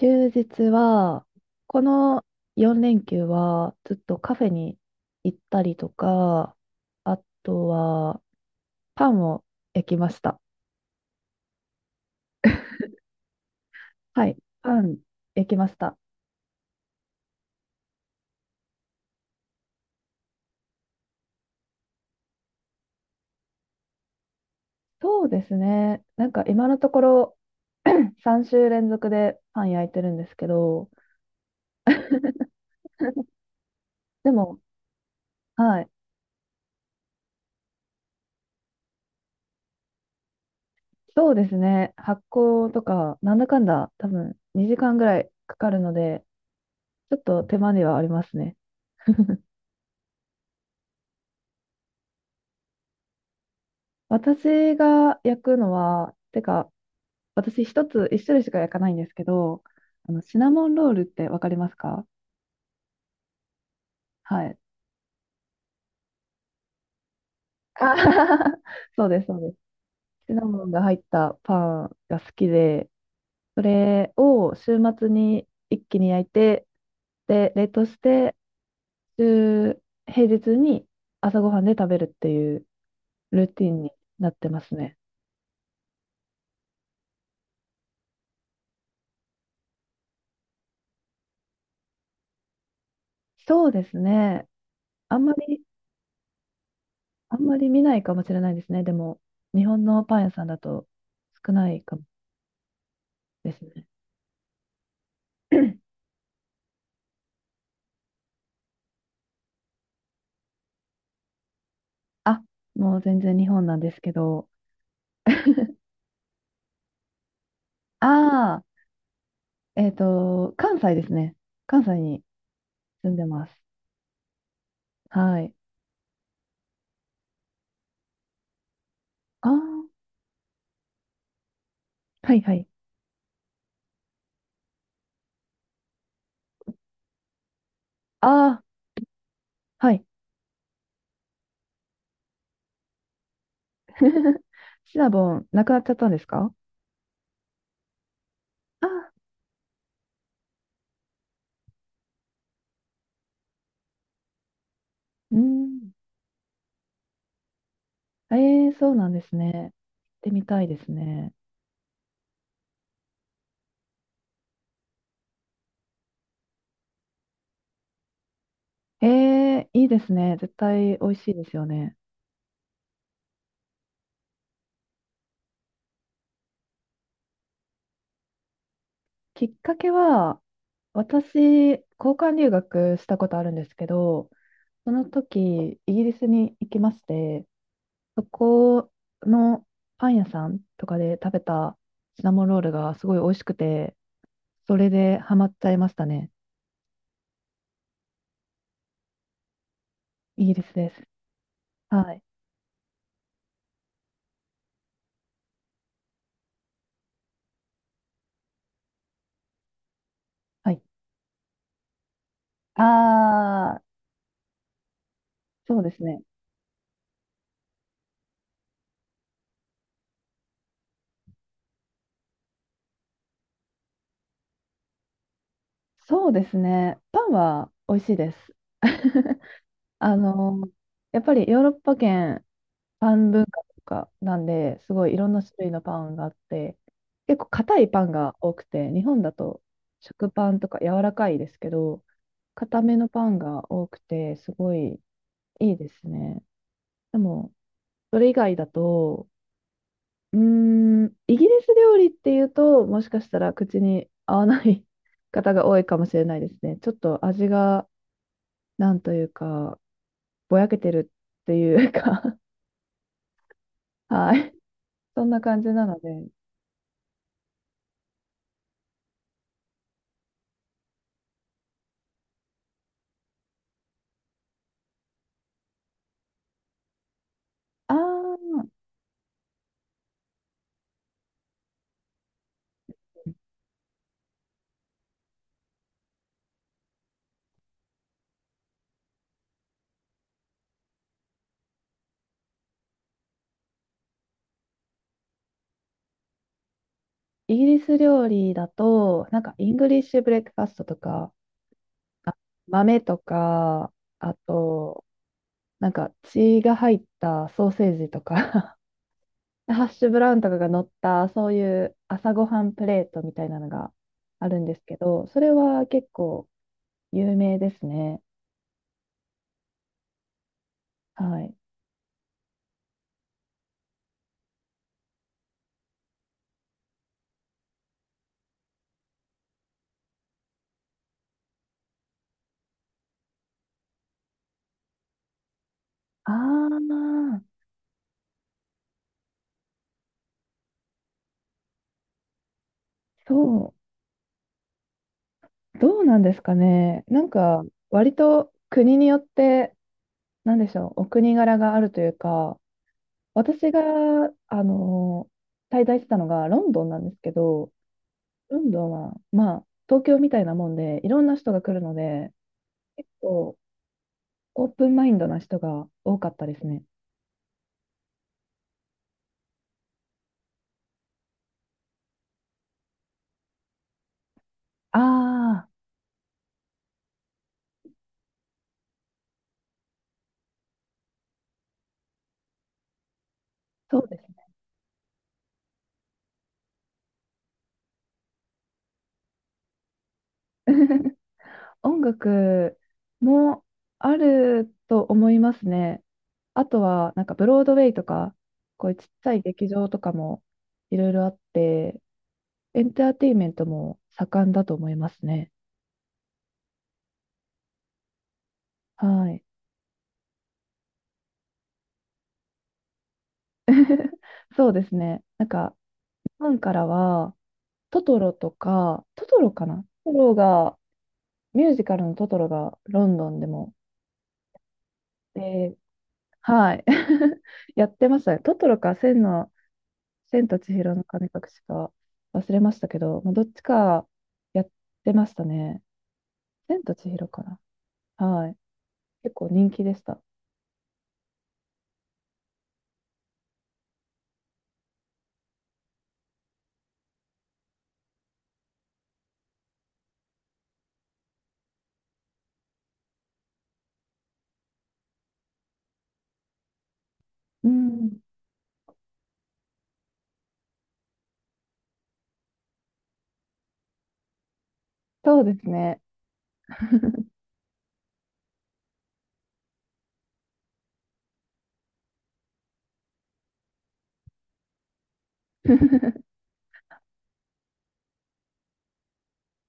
休日は、この4連休はずっとカフェに行ったりとか、あとはパンを焼きました。はい、パン焼きました。そうですね。なんか今のところ 3週連続でパン焼いてるんですけど、でも、はい、そうですね。発酵とか、なんだかんだ多分2時間ぐらいかかるので、ちょっと手間ではありますね。私が焼くのは、てか、私一種類しか焼かないんですけど、シナモンロールってわかりますか？はい。あはは そうです、そうです。シナモンが入ったパンが好きで、それを週末に一気に焼いて、で、冷凍して、週、平日に朝ごはんで食べるっていうルーティンになってますね。そうですね。あんまり、あんまり見ないかもしれないですね。でも、日本のパン屋さんだと少ないかもですね。あ、もう全然日本なんですけど、ああ、関西ですね。関西に住んでます。はい。ああ、はいはい。ああ、はい。シナボン、なくなっちゃったんですか？ああ、うん。ええ、そうなんですね。行ってみたいですね。ええ、いいですね。絶対美味しいですよね。きっかけは、私、交換留学したことあるんですけど、その時、イギリスに行きまして、そこのパン屋さんとかで食べたシナモンロールがすごい美味しくて、それでハマっちゃいましたね。イギリスです。はい。はい。ああ、そうですね。そうですね。パンは美味しいです。あの、やっぱりヨーロッパ圏パン文化とかなんで、すごいいろんな種類のパンがあって、結構硬いパンが多くて、日本だと食パンとか柔らかいですけど、硬めのパンが多くて、すごいいいですね。でも、それ以外だと、うーん、イギリス料理っていうと、もしかしたら口に合わない 方が多いかもしれないですね。ちょっと味が、なんというか、ぼやけてるっていうか はい。そんな感じなので、あー、イギリス料理だと、なんかイングリッシュブレックファストとか、あ、豆とか、あと、なんか血が入ったソーセージとか ハッシュブラウンとかが乗った、そういう朝ごはんプレートみたいなのがあるんですけど、それは結構有名ですね。はい。ああ、そう、どうなんですかね。なんか、割と国によって、なんでしょう、お国柄があるというか、私が、あの滞在してたのがロンドンなんですけど、ロンドンは、まあ、東京みたいなもんで、いろんな人が来るので、結構オープンマインドな人が多かったですね。ああ、そうですね。音楽もあると思いますね。あとは、なんかブロードウェイとか、こういうちっちゃい劇場とかもいろいろあって、エンターテインメントも盛んだと思いますね。はい。そうですね。なんかファンからは、トトロとか、トトロかな、トトロが、ミュージカルのトトロがロンドンでも、で、はい、やってましたね。トトロか、千と千尋の神隠しか忘れましたけど、まあ、どっちかやってましたね。千と千尋かな。はい。結構人気でした。うん、そうですね。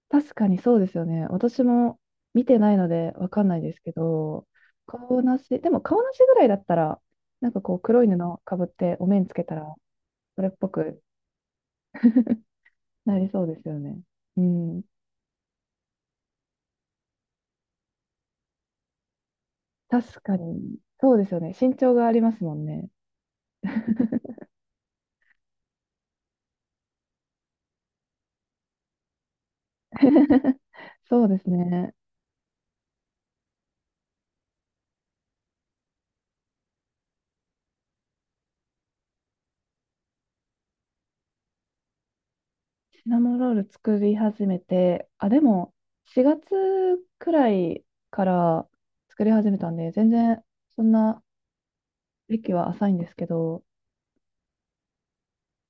確かにそうですよね。私も見てないのでわかんないですけど、顔なし、でも顔なしぐらいだったら、なんかこう黒い布かぶってお面つけたら、それっぽくなりそうですよね。うん。確かに、そうですよね。身長がありますもんね。そうですね。シナモンロール作り始めて、あ、でも4月くらいから作り始めたんで、全然そんな歴は浅いんですけど、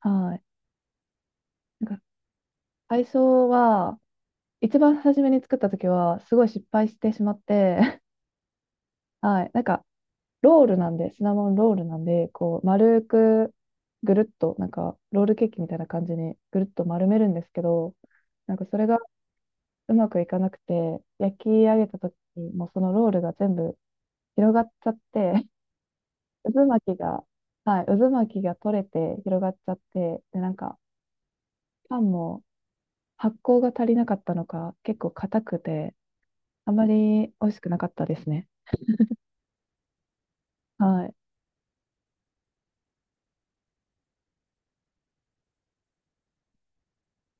はい。なんか最初は、一番初めに作った時は、すごい失敗してしまって、はい、なんか、ロールなんで、シナモンロールなんで、こう、丸く、ぐるっと、なんか、ロールケーキみたいな感じに、ぐるっと丸めるんですけど、なんか、それがうまくいかなくて、焼き上げた時に、もうそのロールが全部広がっちゃって、渦巻きが、はい、渦巻きが取れて広がっちゃって、で、なんか、パンも発酵が足りなかったのか、結構硬くて、あまり美味しくなかったですね。は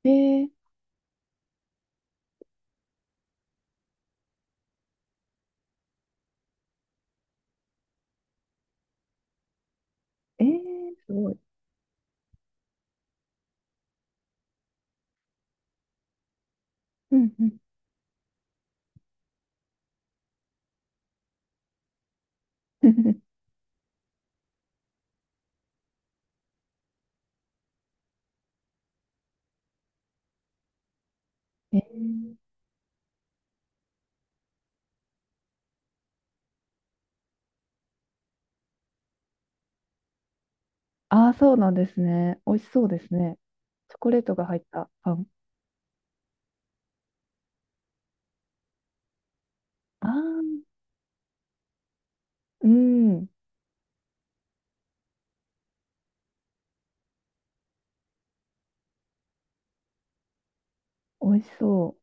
い。えー、えー、すごい。うんうん。えー、ああ、そうなんですね。美味しそうですね。チョコレートが入ったパン。ああ、うん。美味しそう。